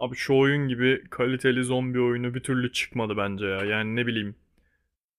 Abi şu oyun gibi kaliteli zombi oyunu bir türlü çıkmadı bence ya. Yani ne bileyim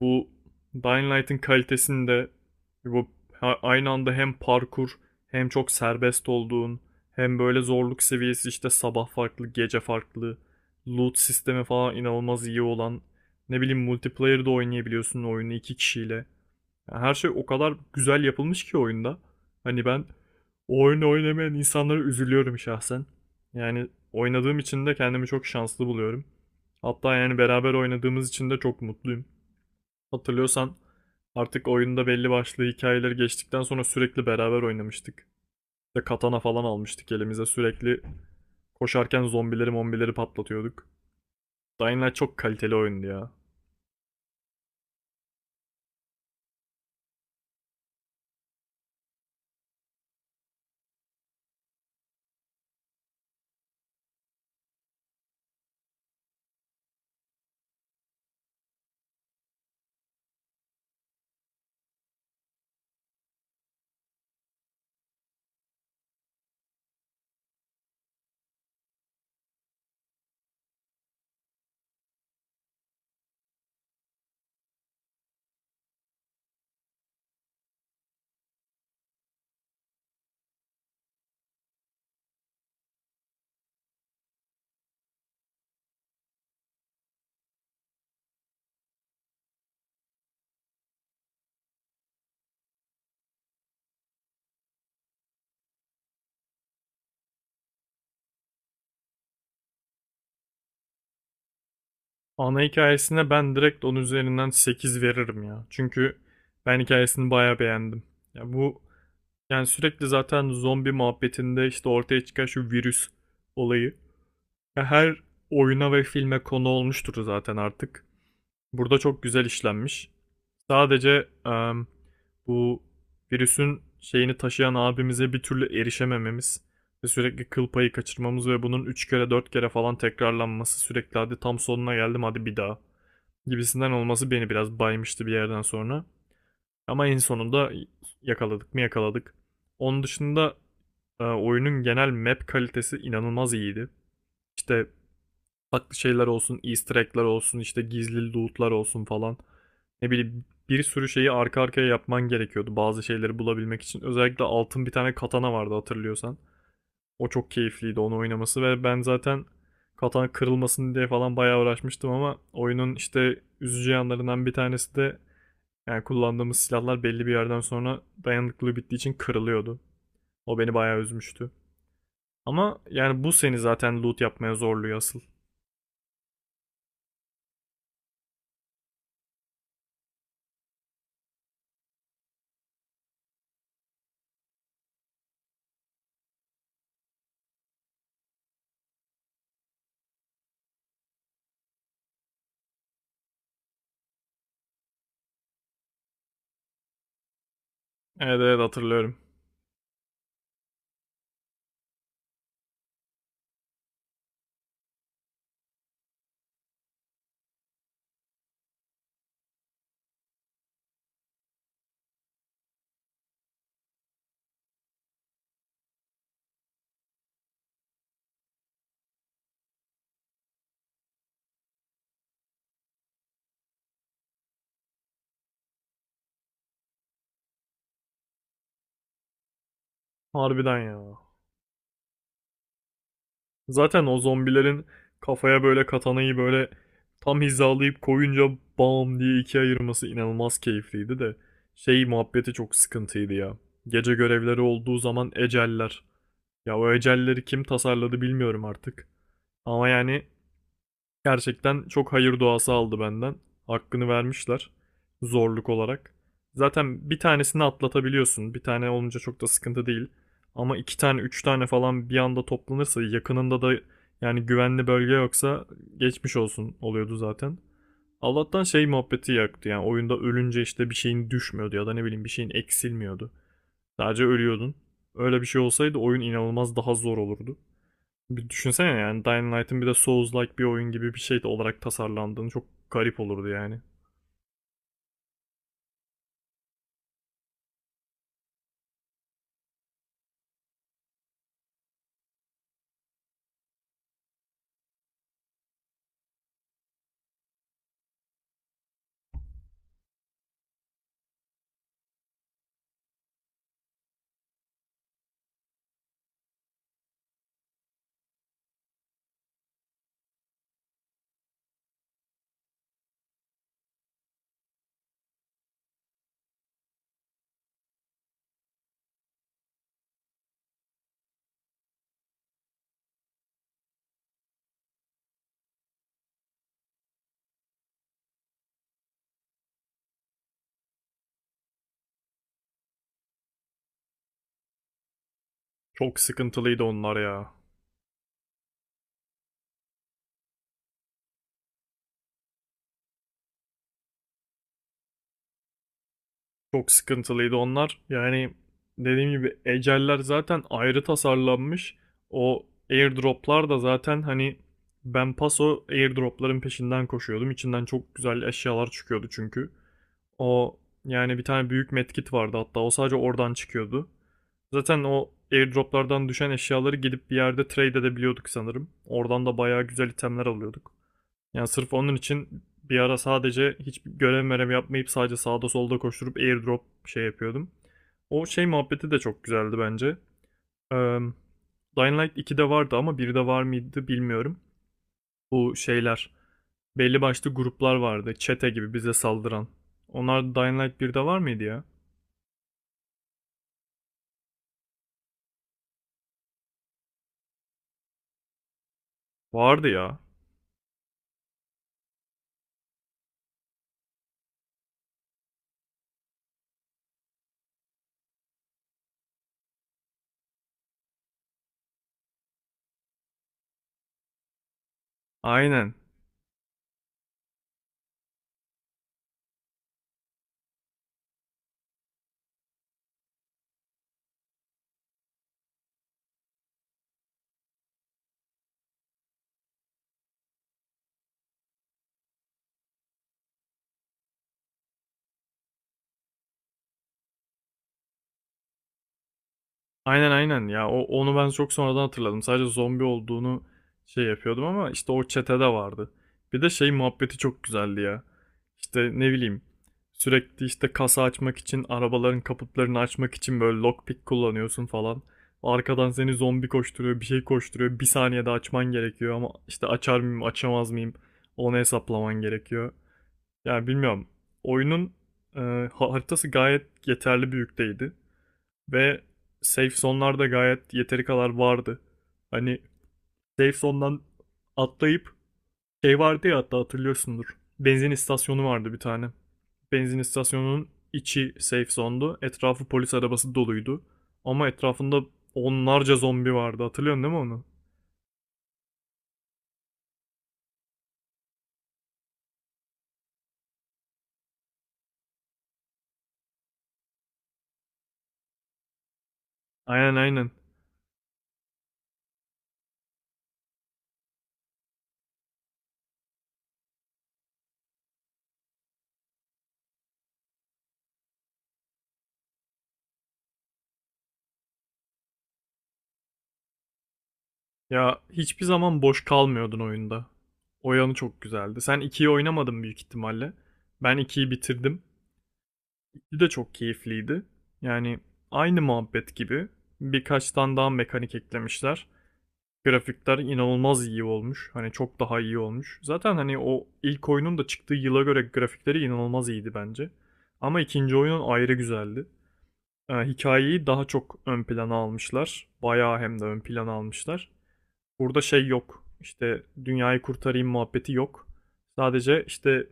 bu Dying Light'ın kalitesini de bu aynı anda hem parkur, hem çok serbest olduğun, hem böyle zorluk seviyesi, işte sabah farklı gece farklı, loot sistemi falan inanılmaz iyi olan. Ne bileyim, multiplayer'da oynayabiliyorsun oyunu iki kişiyle. Yani her şey o kadar güzel yapılmış ki oyunda. Hani ben o oyunu oynamayan insanlara üzülüyorum şahsen. Yani oynadığım için de kendimi çok şanslı buluyorum. Hatta yani beraber oynadığımız için de çok mutluyum. Hatırlıyorsan, artık oyunda belli başlı hikayeler geçtikten sonra sürekli beraber oynamıştık. İşte katana falan almıştık elimize, sürekli koşarken zombileri mombileri patlatıyorduk. Dying Light çok kaliteli oyundu ya. Ana hikayesine ben direkt onun üzerinden 8 veririm ya. Çünkü ben hikayesini bayağı beğendim. Ya bu, yani sürekli zaten zombi muhabbetinde işte ortaya çıkan şu virüs olayı. Ya her oyuna ve filme konu olmuştur zaten artık. Burada çok güzel işlenmiş. Sadece bu virüsün şeyini taşıyan abimize bir türlü erişemememiz ve sürekli kıl payı kaçırmamız ve bunun 3 kere 4 kere falan tekrarlanması, sürekli hadi tam sonuna geldim hadi bir daha gibisinden olması beni biraz baymıştı bir yerden sonra. Ama en sonunda yakaladık mı yakaladık. Onun dışında oyunun genel map kalitesi inanılmaz iyiydi. İşte farklı şeyler olsun, easter egg'ler olsun, işte gizli loot'lar olsun falan. Ne bileyim, bir sürü şeyi arka arkaya yapman gerekiyordu bazı şeyleri bulabilmek için. Özellikle altın bir tane katana vardı, hatırlıyorsan. O çok keyifliydi onu oynaması ve ben zaten katana kırılmasın diye falan bayağı uğraşmıştım. Ama oyunun işte üzücü yanlarından bir tanesi de, yani kullandığımız silahlar belli bir yerden sonra dayanıklılığı bittiği için kırılıyordu. O beni bayağı üzmüştü. Ama yani bu seni zaten loot yapmaya zorluyor asıl. Evet, evet, hatırlıyorum. Harbiden ya. Zaten o zombilerin kafaya böyle katanayı böyle tam hizalayıp koyunca bam diye ikiye ayırması inanılmaz keyifliydi de. Şey muhabbeti çok sıkıntıydı ya. Gece görevleri olduğu zaman eceller. Ya o ecelleri kim tasarladı bilmiyorum artık. Ama yani gerçekten çok hayır duası aldı benden. Hakkını vermişler zorluk olarak. Zaten bir tanesini atlatabiliyorsun. Bir tane olunca çok da sıkıntı değil. Ama iki tane, üç tane falan bir anda toplanırsa yakınında da, yani güvenli bölge yoksa, geçmiş olsun oluyordu zaten. Allah'tan şey muhabbeti yaktı, yani oyunda ölünce işte bir şeyin düşmüyordu ya da ne bileyim bir şeyin eksilmiyordu. Sadece ölüyordun. Öyle bir şey olsaydı oyun inanılmaz daha zor olurdu. Bir düşünsene, yani Dying Light'ın bir de Souls-like bir oyun gibi bir şey olarak tasarlandığını, çok garip olurdu yani. Çok sıkıntılıydı onlar ya. Çok sıkıntılıydı onlar. Yani dediğim gibi eceller zaten ayrı tasarlanmış. O airdroplar da zaten hani, ben paso airdropların peşinden koşuyordum. İçinden çok güzel eşyalar çıkıyordu çünkü. O, yani bir tane büyük medkit vardı, hatta o sadece oradan çıkıyordu. Zaten o airdroplardan düşen eşyaları gidip bir yerde trade edebiliyorduk sanırım. Oradan da bayağı güzel itemler alıyorduk. Yani sırf onun için bir ara sadece hiç görev merev yapmayıp sadece sağda solda koşturup airdrop şey yapıyordum. O şey muhabbeti de çok güzeldi bence. Eee Dying Light 2'de vardı ama 1'de var mıydı bilmiyorum. Bu şeyler, belli başlı gruplar vardı. Çete gibi bize saldıran. Onlar Dying Light 1'de var mıydı ya? Vardı ya. Aynen. Aynen, aynen ya, o, onu ben çok sonradan hatırladım. Sadece zombi olduğunu şey yapıyordum, ama işte o çetede vardı. Bir de şey muhabbeti çok güzeldi ya. İşte ne bileyim, sürekli işte kasa açmak için, arabaların kaputlarını açmak için böyle lockpick kullanıyorsun falan. Arkadan seni zombi koşturuyor, bir şey koşturuyor, bir saniyede açman gerekiyor ama işte açar mıyım açamaz mıyım, onu hesaplaman gerekiyor. Yani bilmiyorum, oyunun e, haritası gayet yeterli büyükteydi. Ve safe zone'larda gayet yeteri kadar vardı. Hani safe zone'dan atlayıp şey vardı ya, hatta hatırlıyorsundur. Benzin istasyonu vardı bir tane. Benzin istasyonunun içi safe zone'du. Etrafı polis arabası doluydu. Ama etrafında onlarca zombi vardı. Hatırlıyorsun değil mi onu? Aynen, aynen. Ya hiçbir zaman boş kalmıyordun oyunda. O yanı çok güzeldi. Sen ikiyi oynamadın büyük ihtimalle. Ben ikiyi bitirdim de çok keyifliydi. Yani aynı muhabbet gibi birkaç tane daha mekanik eklemişler. Grafikler inanılmaz iyi olmuş. Hani çok daha iyi olmuş. Zaten hani o ilk oyunun da çıktığı yıla göre grafikleri inanılmaz iyiydi bence. Ama ikinci oyunun ayrı güzeldi. Hikayeyi daha çok ön plana almışlar. Bayağı hem de ön plana almışlar. Burada şey yok. İşte dünyayı kurtarayım muhabbeti yok. Sadece işte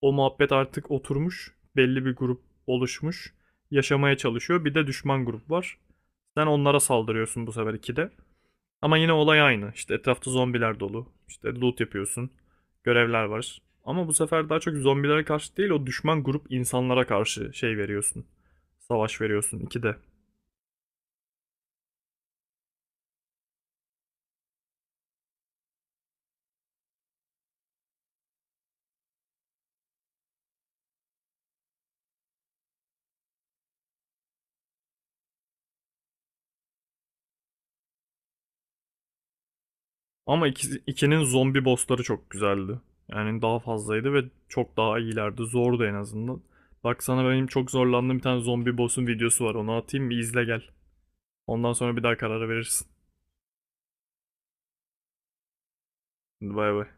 o muhabbet artık oturmuş. Belli bir grup oluşmuş. Yaşamaya çalışıyor. Bir de düşman grup var. Sen onlara saldırıyorsun bu sefer ikide. Ama yine olay aynı. İşte etrafta zombiler dolu. İşte loot yapıyorsun. Görevler var. Ama bu sefer daha çok zombilere karşı değil, o düşman grup insanlara karşı şey veriyorsun. Savaş veriyorsun ikide. Ama 2'nin zombi bossları çok güzeldi. Yani daha fazlaydı ve çok daha iyilerdi. Zordu en azından. Bak sana benim çok zorlandığım bir tane zombi boss'un videosu var. Onu atayım bir izle gel. Ondan sonra bir daha karara verirsin. Hadi, bay bay.